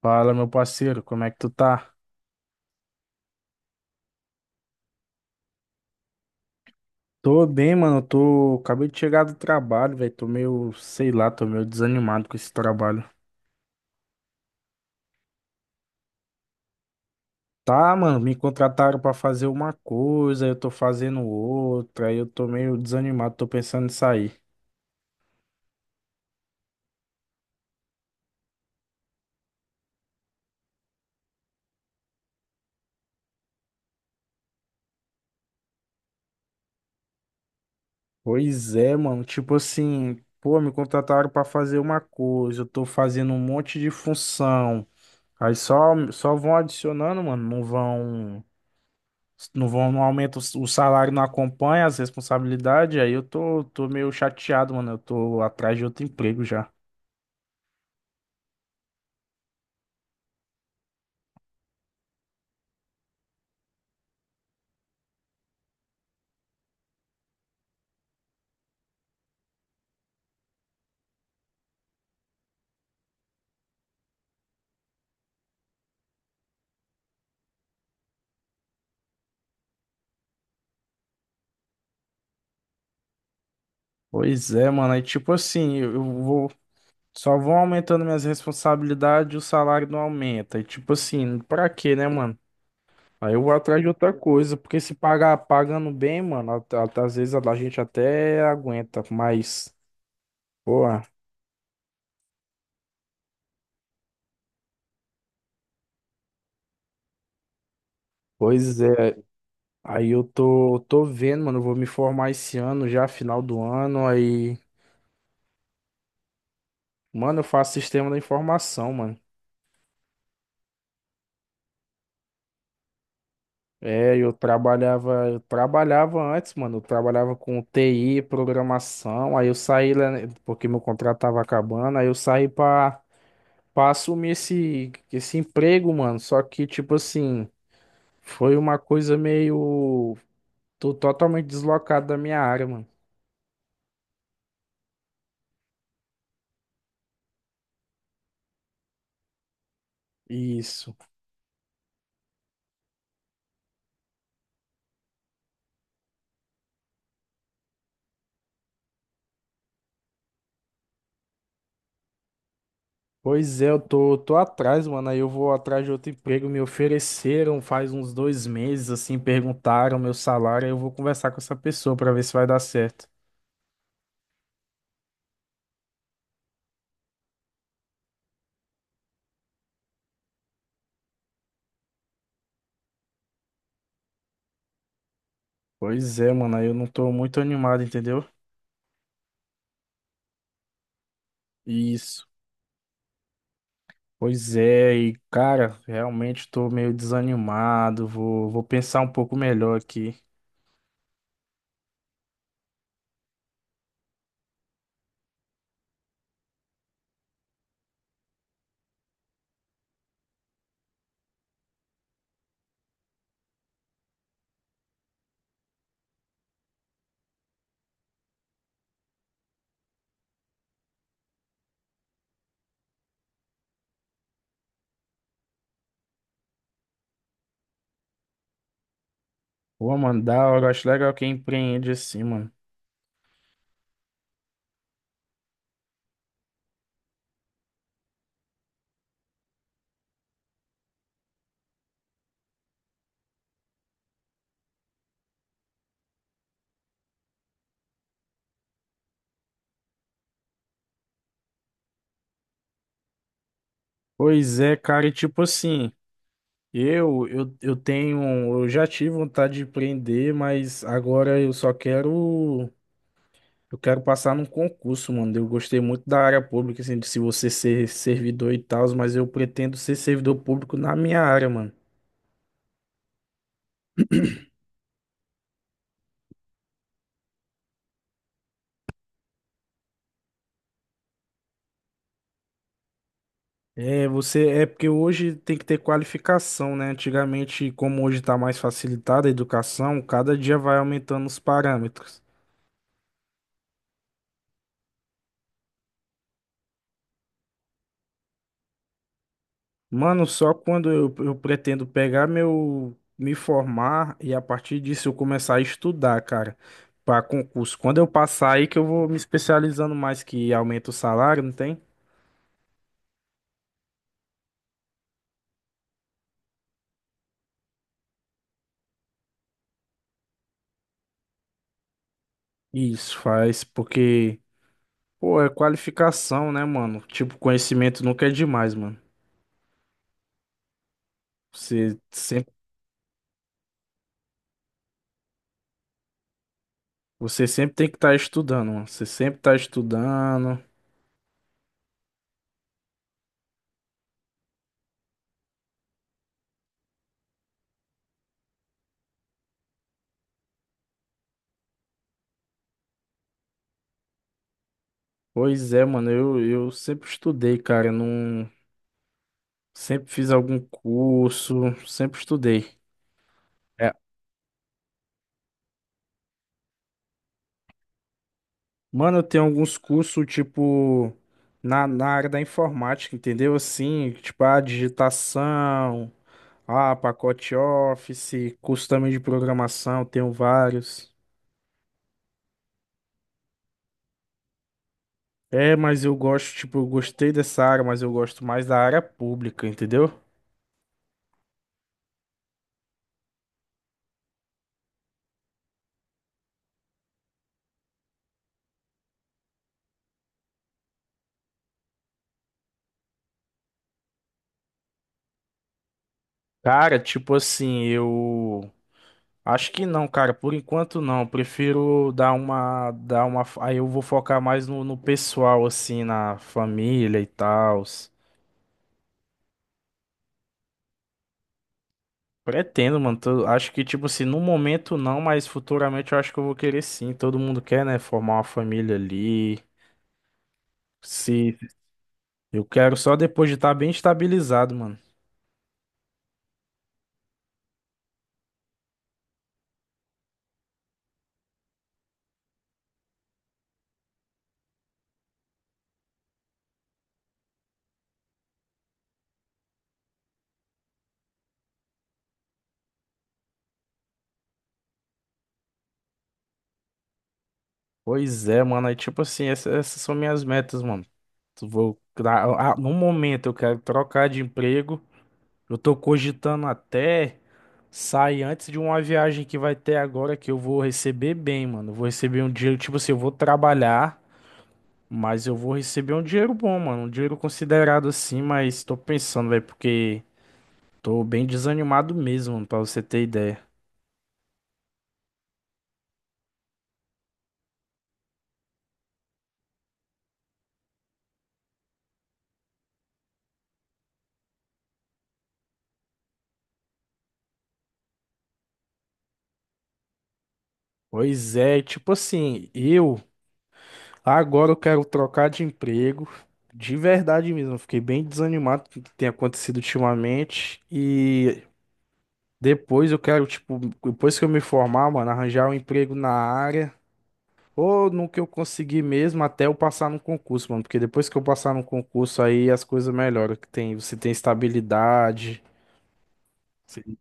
Fala, meu parceiro, como é que tu tá? Tô bem, mano. Tô. Acabei de chegar do trabalho, velho. Tô meio, sei lá, tô meio desanimado com esse trabalho. Tá, mano, me contrataram pra fazer uma coisa, eu tô fazendo outra, aí eu tô meio desanimado, tô pensando em sair. Pois é, mano, tipo assim, pô, me contrataram pra fazer uma coisa, eu tô fazendo um monte de função. Aí só, só vão adicionando, mano, não vão. Não vão, não aumenta, o salário não acompanha as responsabilidades, aí eu tô, tô meio chateado, mano. Eu tô atrás de outro emprego já. Pois é, mano. Aí, tipo assim, eu vou. Só vão aumentando minhas responsabilidades e o salário não aumenta. E, tipo assim, pra quê, né, mano? Aí eu vou atrás de outra coisa, porque se pagar pagando bem, mano, às vezes a gente até aguenta, mas, pô, pois é. Aí eu tô, tô vendo, mano, eu vou me formar esse ano já, final do ano, aí. Mano, eu faço sistema da informação, mano. É, eu trabalhava antes, mano. Eu trabalhava com TI, programação. Aí eu saí, né, porque meu contrato tava acabando. Aí eu saí pra, pra assumir esse, esse emprego, mano. Só que, tipo assim, foi uma coisa meio. Tô totalmente deslocado da minha área, mano. Isso. Pois é, eu tô, tô atrás, mano. Aí eu vou atrás de outro emprego. Me ofereceram faz uns dois meses, assim, perguntaram meu salário. Aí eu vou conversar com essa pessoa pra ver se vai dar certo. Pois é, mano. Aí eu não tô muito animado, entendeu? Isso. Pois é, e cara, realmente tô meio desanimado. Vou, vou pensar um pouco melhor aqui. Pô, mano, da hora. Eu Acho legal quem empreende assim, mano. Pois é, cara, e tipo assim. Eu tenho, eu já tive vontade de empreender, mas agora eu só quero, eu quero passar num concurso, mano. Eu gostei muito da área pública, assim, de se você ser servidor e tal, mas eu pretendo ser servidor público na minha área, mano. É, você, é porque hoje tem que ter qualificação, né? Antigamente, como hoje tá mais facilitada a educação, cada dia vai aumentando os parâmetros. Mano, só quando eu pretendo pegar meu, me formar e a partir disso eu começar a estudar, cara, para concurso. Quando eu passar aí que eu vou me especializando mais, que aumenta o salário, não tem? Isso faz, porque, pô, é qualificação, né, mano? Tipo, conhecimento nunca é demais, mano. Você sempre, você sempre tem que estar estudando, mano. Você sempre tá estudando. Pois é, mano, eu sempre estudei, cara. Não, sempre fiz algum curso, sempre estudei. É Mano, eu tenho alguns cursos, tipo, na área da informática, entendeu? Assim, tipo, a digitação, a pacote Office, curso também de programação, tenho vários. É, mas eu gosto, tipo, eu gostei dessa área, mas eu gosto mais da área pública, entendeu? Cara, tipo assim, eu acho que não, cara, por enquanto não. Eu Prefiro dar uma, aí eu vou focar mais no, no pessoal, assim, na família e tal. Pretendo, mano. Tô- acho que, tipo assim, no momento não, mas futuramente eu acho que eu vou querer sim. Todo mundo quer, né? Formar uma família ali. Se eu quero só depois de estar bem estabilizado, mano. Pois é, mano. Aí, tipo assim, essa- essas, são minhas metas, mano. Tu Vou, no momento eu quero trocar de emprego. Eu tô cogitando até sair antes de uma viagem que vai ter agora que eu vou receber bem, mano. Eu vou receber um dinheiro, tipo assim, eu vou trabalhar. Mas eu vou receber um dinheiro bom, mano. Um dinheiro considerado assim, mas tô pensando, velho, porque tô bem desanimado mesmo, mano, pra você ter ideia. Pois é, tipo assim, eu agora eu quero trocar de emprego. De verdade mesmo, eu fiquei bem desanimado com o que tem acontecido ultimamente. E depois eu quero, tipo, depois que eu me formar, mano, arranjar um emprego na área. Ou no que eu consegui mesmo até eu passar no concurso, mano. Porque depois que eu passar no concurso, aí as coisas melhoram. Que tem, você tem estabilidade. Sim.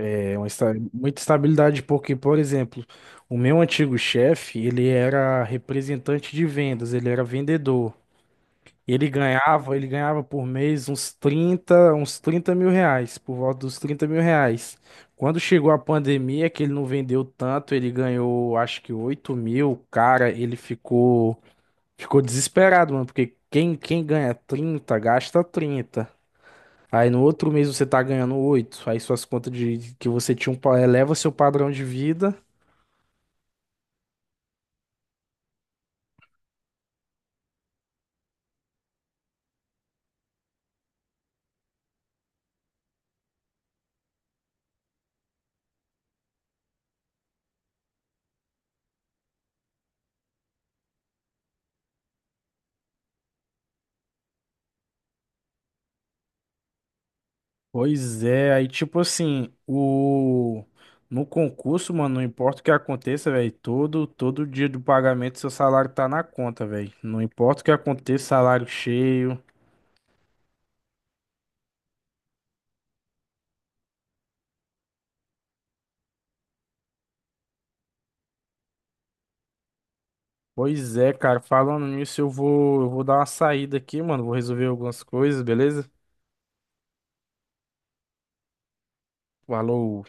É uma, esta- muita estabilidade, porque, por exemplo, o meu antigo chefe, ele era representante de vendas, ele era vendedor. E ele ganhava por mês uns 30 mil reais, por volta dos 30 mil reais. Quando chegou a pandemia, que ele não vendeu tanto, ele ganhou acho que 8 mil, cara, ele ficou. Ficou desesperado, mano, porque quem ganha 30 gasta 30. Aí no outro mês você tá ganhando 8. Aí suas contas de que você tinha um, pa- eleva seu padrão de vida. Pois é, aí tipo assim, o no concurso, mano, não importa o que aconteça, velho, todo dia do pagamento seu salário tá na conta, velho. Não importa o que aconteça, salário cheio. Pois é, cara, falando nisso, eu vou dar uma saída aqui, mano, vou resolver algumas coisas, beleza? Falou.